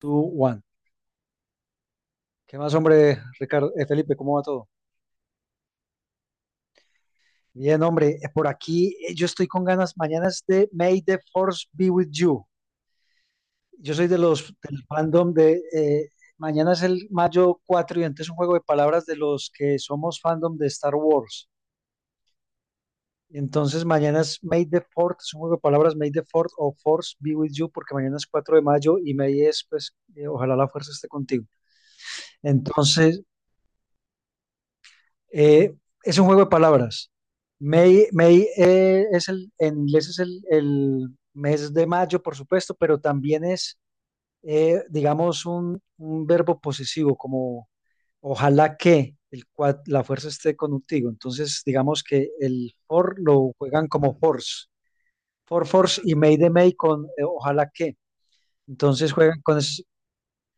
Two, one. ¿Qué más, hombre, Ricardo? Felipe, ¿cómo va todo? Bien, hombre, por aquí yo estoy con ganas. Mañana es de May the Force be with you. Yo soy de los del fandom de. Mañana es el mayo 4 y entonces es un juego de palabras de los que somos fandom de Star Wars. Entonces mañana es May the Fourth, es un juego de palabras May the Fourth o Force be with you, porque mañana es 4 de mayo y May es, pues, ojalá la fuerza esté contigo. Entonces, Eh, es un juego de palabras. May, es el, en inglés es el mes de mayo, por supuesto, pero también es, digamos, un verbo posesivo, como ojalá que el cual la fuerza esté contigo. Entonces, digamos que el for lo juegan como force, for force y may de may con ojalá que. Entonces juegan con,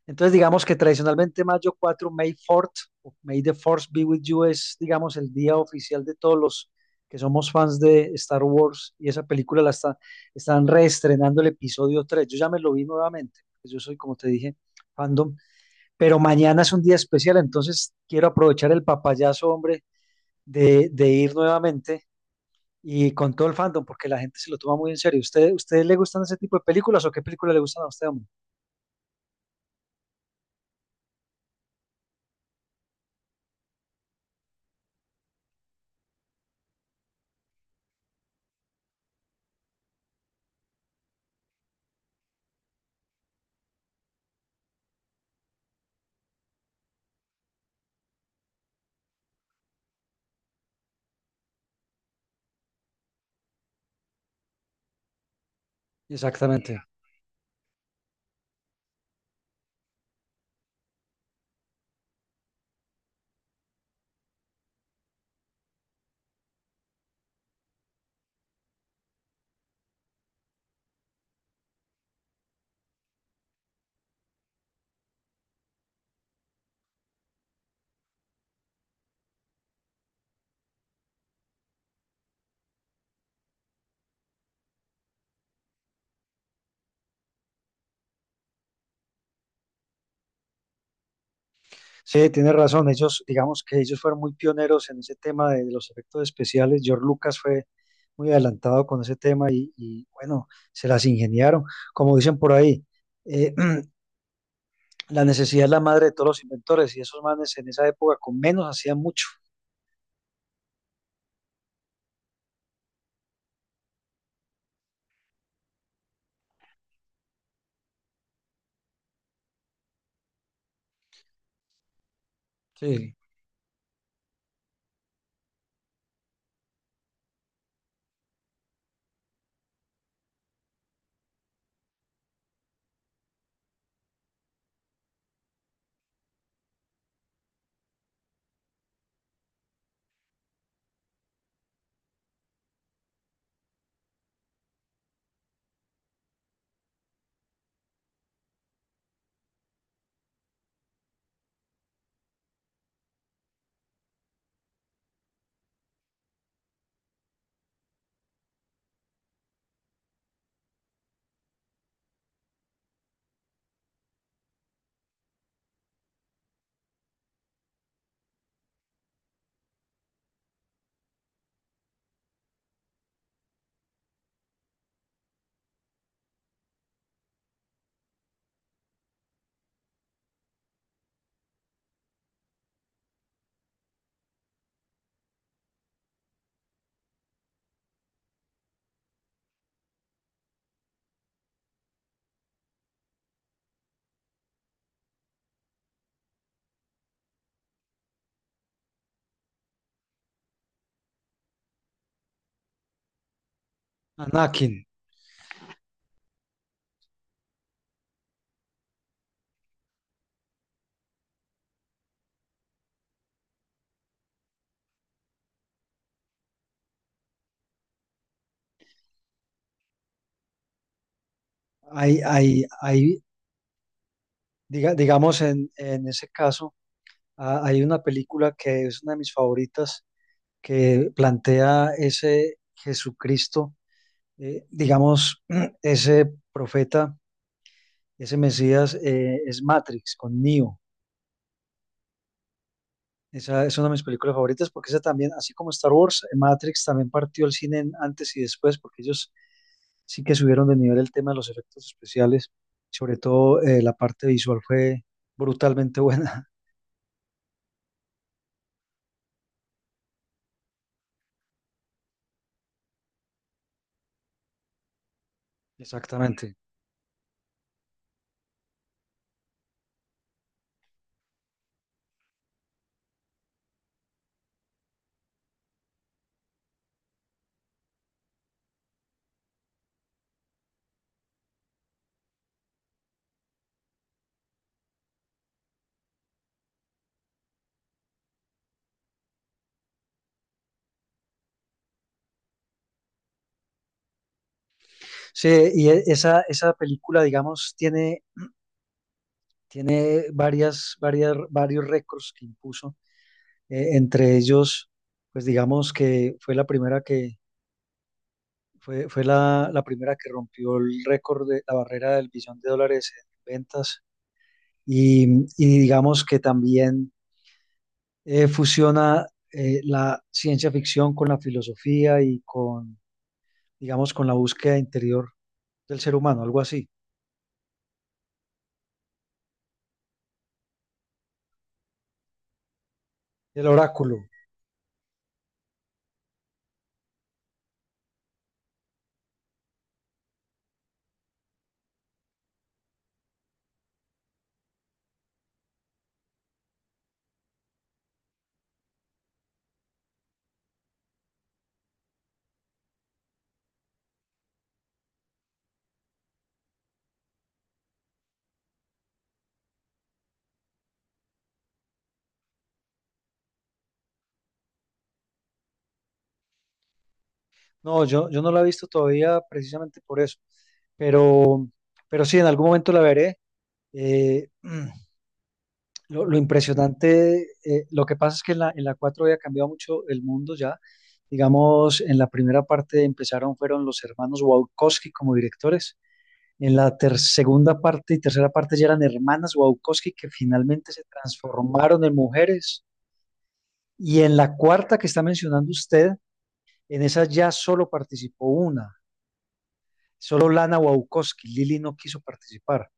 entonces, digamos que tradicionalmente mayo 4, May 4 o May the Force be with you, es, digamos, el día oficial de todos los que somos fans de Star Wars y esa película la está, están reestrenando el episodio 3. Yo ya me lo vi nuevamente, pues yo soy, como te dije, fandom, pero mañana es un día especial, entonces quiero aprovechar el papayazo, hombre, de ir nuevamente y con todo el fandom, porque la gente se lo toma muy en serio. ¿Ustedes le gustan ese tipo de películas o qué película le gustan a usted, hombre? Exactamente. Sí, tienes razón. Ellos, digamos que ellos fueron muy pioneros en ese tema de los efectos especiales. George Lucas fue muy adelantado con ese tema y, bueno, se las ingeniaron. Como dicen por ahí, eh, la necesidad es la madre de todos los inventores y esos manes en esa época con menos hacían mucho. Sí, Anakin. Hay, hay, hay, digamos, en ese caso, hay una película que es una de mis favoritas que plantea ese Jesucristo, digamos, ese profeta, ese Mesías, es Matrix con Neo. Esa es una de mis películas favoritas porque esa también, así como Star Wars, Matrix también partió el cine en antes y después porque ellos sí que subieron de nivel el tema de los efectos especiales. Sobre todo, la parte visual fue brutalmente buena. Exactamente. Sí, esa película, digamos, tiene, tiene varios récords que impuso. Entre ellos, pues digamos que fue la primera que fue la primera que rompió el récord de la barrera del billón de dólares en ventas y, y digamos que también fusiona, la ciencia ficción con la filosofía y con, digamos, con la búsqueda interior del ser humano, algo así. El oráculo. No, yo no la he visto todavía precisamente por eso, pero, pero sí, en algún momento la veré. Eh, lo impresionante, lo que pasa es que en la 4 había cambiado mucho el mundo ya. Digamos, en la primera parte empezaron, fueron los hermanos Wachowski como directores. En la segunda parte y tercera parte ya eran hermanas Wachowski que finalmente se transformaron en mujeres. Y en la cuarta que está mencionando usted, en esa ya solo participó una, solo Lana Wachowski, Lili no quiso participar.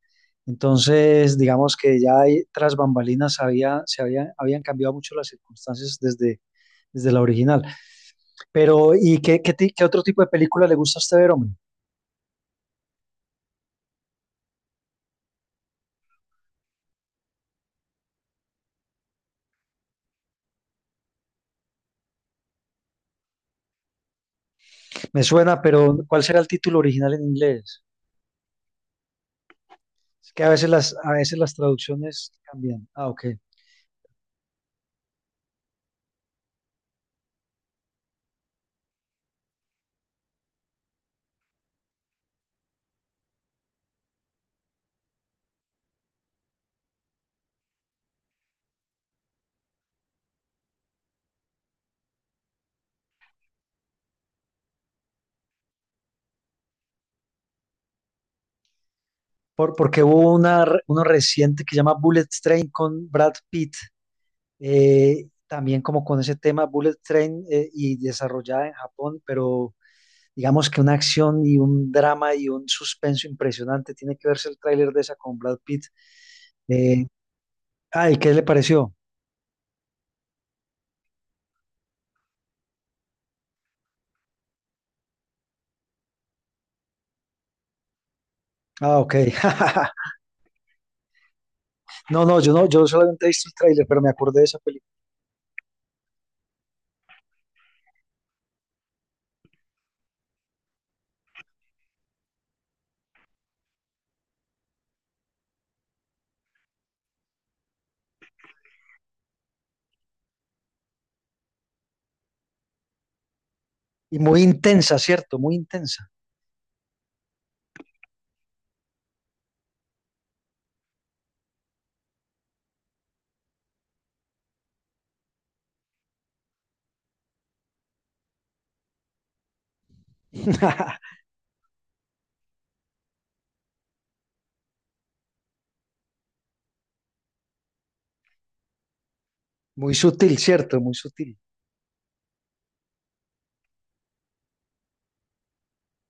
Entonces, digamos que ya ahí, tras bambalinas había, habían cambiado mucho las circunstancias desde la original. Pero, ¿y qué otro tipo de película le gusta a usted ver, hombre? Me suena, pero ¿cuál será el título original en inglés? Es que a veces a veces las traducciones cambian. Ah, ok. Porque hubo uno reciente que se llama Bullet Train con Brad Pitt, también como con ese tema Bullet Train, y desarrollada en Japón, pero digamos que una acción y un drama y un suspenso impresionante. Tiene que verse el tráiler de esa con Brad Pitt. Eh, ay, ¿qué le pareció? Ah, ok. No, no, yo solamente he visto el tráiler, pero me acordé de esa película. Y muy intensa, ¿cierto? Muy intensa. Muy sutil, ¿cierto? Muy sutil.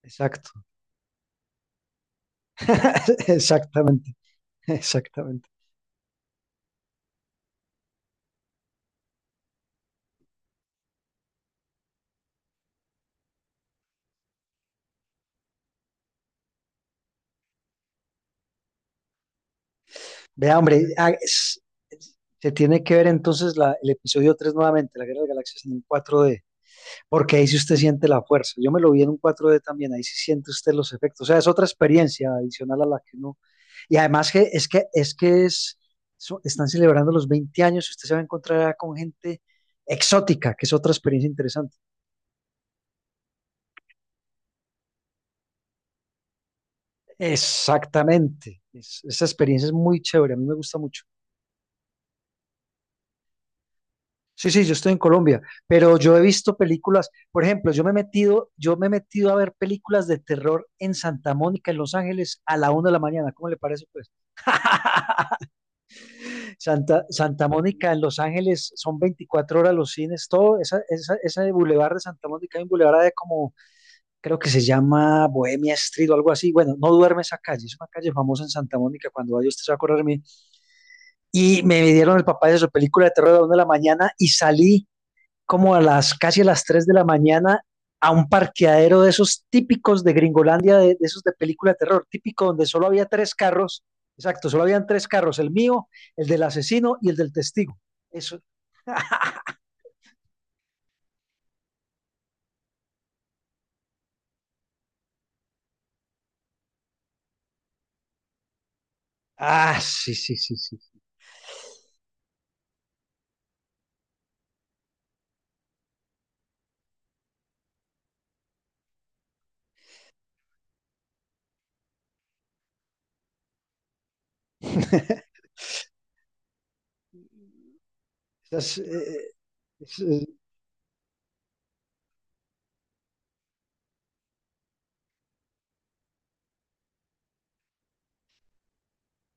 Exacto. Exactamente, exactamente. Vea, hombre, es- se tiene que ver entonces el episodio 3 nuevamente, la Guerra de las Galaxias en un cuatro d, porque ahí sí usted siente la fuerza. Yo me lo vi en un cuatro d también, ahí sí siente usted los efectos. O sea, es otra experiencia adicional a la que uno. Y además que es están celebrando los 20 años y usted se va a encontrar con gente exótica, que es otra experiencia interesante. Exactamente. Esa experiencia es muy chévere, a mí me gusta mucho. Sí, sí, yo estoy en Colombia, pero yo he visto películas, por ejemplo, yo me he metido a ver películas de terror en Santa Mónica, en Los Ángeles, a la 1 de la mañana. ¿Cómo le parece, pues? Santa Mónica en Los Ángeles son 24 horas los cines, todo, ese bulevar de Santa Mónica, hay un bulevar de como, creo que se llama Bohemia Street o algo así. Bueno, no duerme esa calle, es una calle famosa en Santa Mónica, cuando vaya usted se va a acordar de mí. Y me dieron el papá de su película de terror a la 1 de la mañana y salí como a las casi a las 3 de la mañana a un parqueadero de esos típicos de Gringolandia, de esos de película de terror, típico donde solo había tres carros, exacto, solo habían tres carros, el mío, el del asesino y el del testigo. Eso. Ah, sí, sí, sí, sí. Esas, eh, es- eh,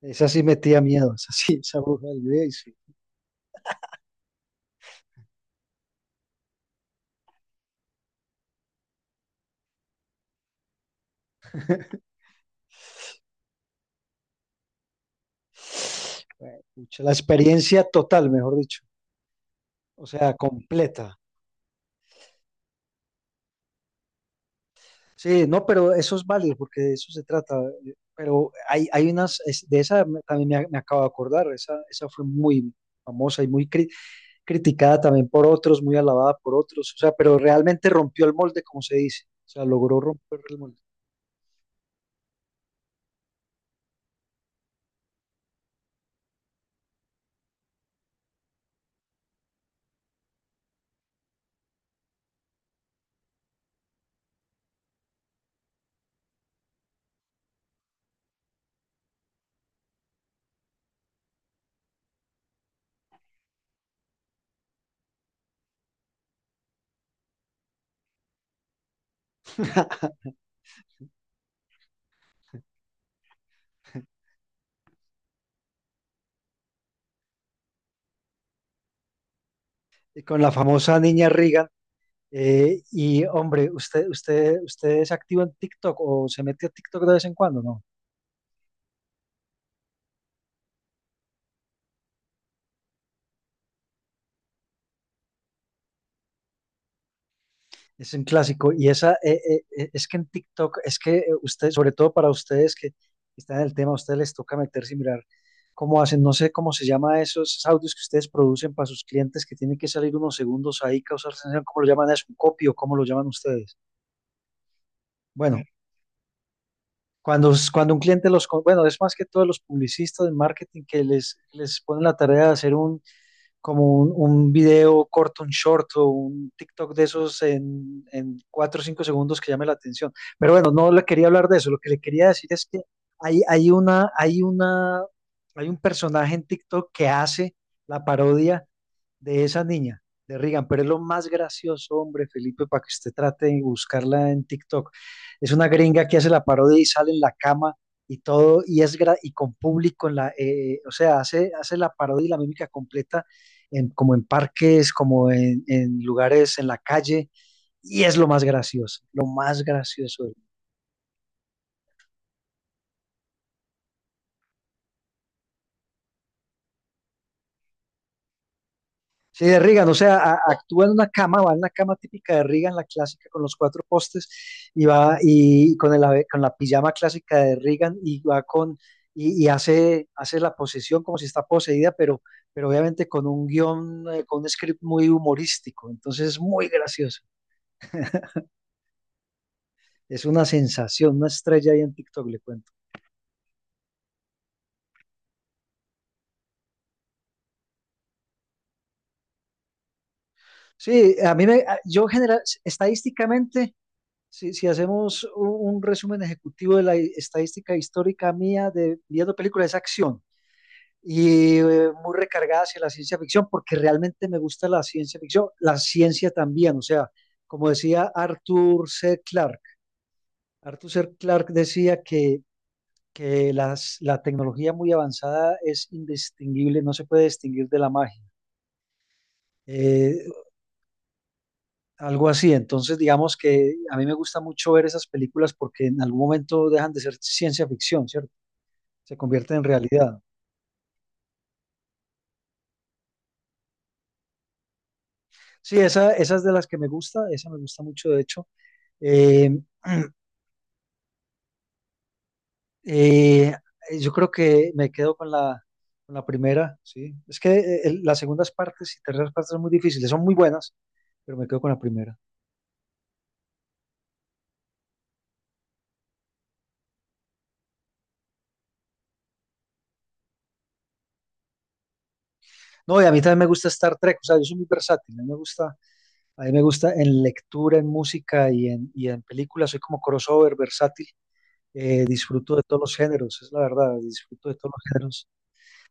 esa sí metía miedo, esa sí, esa bruja del video, y sí. Bueno, pucha, la experiencia total, mejor dicho, o sea, completa. Sí, no, pero eso es válido porque de eso se trata. Pero hay unas, es- de esa me- también me, a- me acabo de acordar, esa fue muy famosa y muy criticada también por otros, muy alabada por otros, o sea, pero realmente rompió el molde, como se dice, o sea, logró romper el molde. Y con la famosa niña Reagan. Y hombre, usted es activo en TikTok o se mete a TikTok de vez en cuando, no? Es un clásico. Y esa, es que en TikTok, es que, ustedes, sobre todo para ustedes que están en el tema, a ustedes les toca meterse y mirar cómo hacen, no sé cómo se llama esos audios que ustedes producen para sus clientes que tienen que salir unos segundos ahí, causar sensación, ¿cómo lo llaman eso? ¿Un copy o cómo lo llaman ustedes? Bueno, cuando un cliente bueno, es más que todos los publicistas de marketing que les ponen la tarea de hacer un como un video corto, un short o un TikTok de esos en, 4 o 5 segundos que llame la atención. Pero bueno, no le quería hablar de eso, lo que le quería decir es que hay, hay una, hay una, hay un personaje en TikTok que hace la parodia de esa niña, de Regan, pero es lo más gracioso, hombre, Felipe, para que usted trate de buscarla en TikTok. Es una gringa que hace la parodia y sale en la cama y todo, y es y con público en la, o sea, hace la parodia y la mímica completa en, como en parques, como en lugares en la calle, y es lo más gracioso, lo más gracioso. Sí, de Reagan, o sea, actúa en una cama, va en la cama típica de Reagan, la clásica con los cuatro postes, y va y con el con la pijama clásica de Reagan, y va con, y hace, la posesión como si está poseída, pero obviamente con un guión, con un script muy humorístico, entonces es muy gracioso. Es una sensación, una estrella ahí en TikTok, le cuento. Sí, a mí yo general, estadísticamente, si hacemos un resumen ejecutivo de la estadística histórica mía de viendo películas, es acción y, muy recargada hacia la ciencia ficción, porque realmente me gusta la ciencia ficción, la ciencia también, o sea, como decía Arthur C. Clarke, Arthur C. Clarke decía que, la tecnología muy avanzada es indistinguible, no se puede distinguir de la magia. Eh, Algo así, entonces digamos que a mí me gusta mucho ver esas películas porque en algún momento dejan de ser ciencia ficción, ¿cierto? Se convierten en realidad. Sí, esa es de las que me gusta, esa me gusta mucho, de hecho. Eh, eh, yo creo que me quedo con la primera, sí. Es que las segundas partes y terceras partes son muy difíciles, son muy buenas, pero me quedo con la primera. No, y a mí también me gusta Star Trek, o sea, yo soy muy versátil, a mí me gusta, a mí me gusta en lectura, en música y y en películas, soy como crossover versátil. Disfruto de todos los géneros, es la verdad, disfruto de todos los géneros.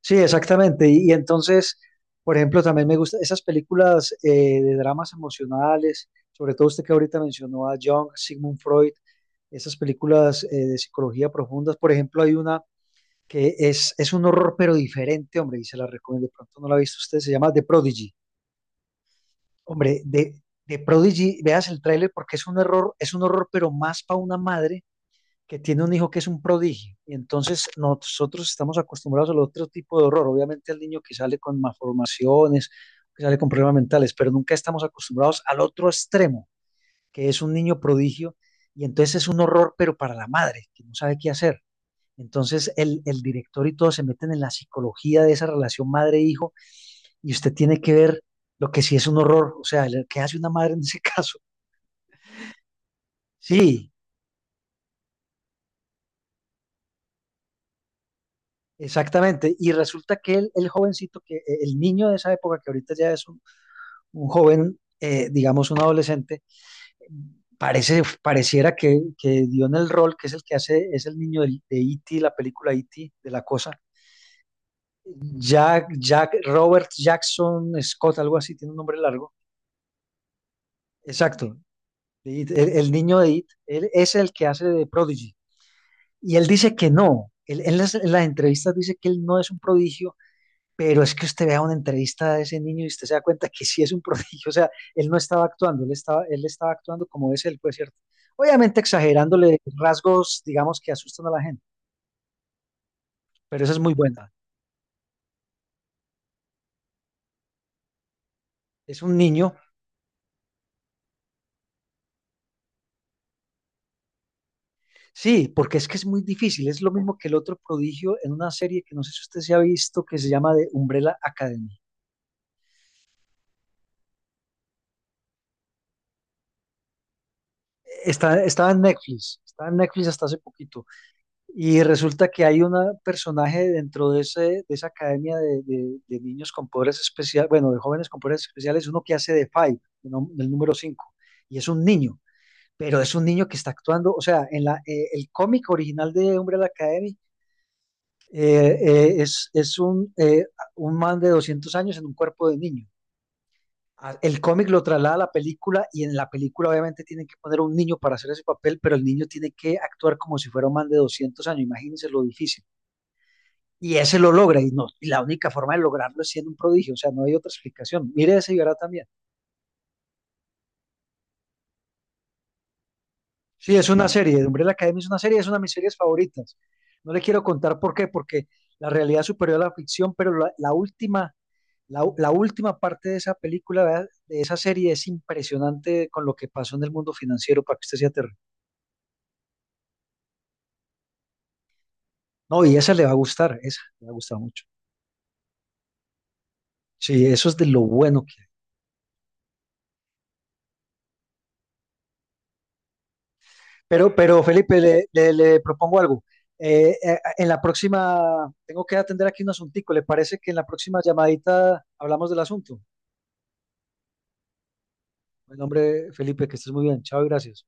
Sí, exactamente. Y entonces, por ejemplo, también me gustan esas películas de dramas emocionales, sobre todo usted que ahorita mencionó a Jung, Sigmund Freud, esas películas de psicología profundas. Por ejemplo, hay una que es un horror, pero diferente, hombre, y se la recomiendo. De pronto no la ha visto usted, se llama The Prodigy. Hombre, de Prodigy, veas el tráiler porque es un error, es un horror, pero más para una madre que tiene un hijo que es un prodigio. Y entonces nosotros estamos acostumbrados al otro tipo de horror. Obviamente al niño que sale con malformaciones, que sale con problemas mentales, pero nunca estamos acostumbrados al otro extremo, que es un niño prodigio. Y entonces es un horror, pero para la madre, que no sabe qué hacer. Entonces el director y todos se meten en la psicología de esa relación madre-hijo y usted tiene que ver lo que sí es un horror, o sea, el- ¿qué hace una madre en ese caso? Sí, exactamente, y resulta que el jovencito, que el niño de esa época, que ahorita ya es un joven, digamos un adolescente, parece, pareciera que dio en el rol, que es el que hace, es el niño de E.T., la película E.T., de la cosa. Jack, Jack, Robert Jackson Scott, algo así, tiene un nombre largo. Exacto, de It, el niño de It, él es el que hace de Prodigy. Y él dice que no, él en las entrevistas dice que él no es un prodigio. Pero es que usted vea una entrevista de ese niño y usted se da cuenta que sí es un prodigio, o sea, él no estaba actuando, él estaba actuando como es él, pues cierto. Obviamente exagerándole rasgos, digamos, que asustan a la gente, pero esa es muy buena. Es un niño, sí, porque es que es muy difícil, es lo mismo que el otro prodigio en una serie que no sé si usted se ha visto, que se llama The Umbrella Academy. Está, estaba en Netflix hasta hace poquito. Y resulta que hay un personaje dentro de, ese, de esa academia de, de niños con poderes especiales, bueno, de jóvenes con poderes especiales, uno que hace de Five, el número 5 y es un niño, pero es un niño que está actuando, o sea, en la, el cómic original de Umbrella Academy eh, es un man de 200 años en un cuerpo de niño. Ah, el cómic lo traslada a la película y en la película obviamente tienen que poner un niño para hacer ese papel, pero el niño tiene que actuar como si fuera un man de 200 años, imagínense lo difícil. Y ese lo logra, y, no, y la única forma de lograrlo es siendo un prodigio, o sea, no hay otra explicación. Mire ese y verá también. Sí, es una serie, Umbrella Academy es una serie, es una de mis series favoritas. No le quiero contar por qué, porque la realidad superior a la ficción, pero la, la, última parte de esa película, ¿verdad? De esa serie, es impresionante con lo que pasó en el mundo financiero para que usted se aterre. No, y esa le va a gustar, esa le va a gustar mucho. Sí, eso es de lo bueno que pero Felipe, le, le propongo algo. En la próxima, tengo que atender aquí un asuntico. ¿Le parece que en la próxima llamadita hablamos del asunto? En nombre, Felipe, que estés muy bien. Chao y gracias.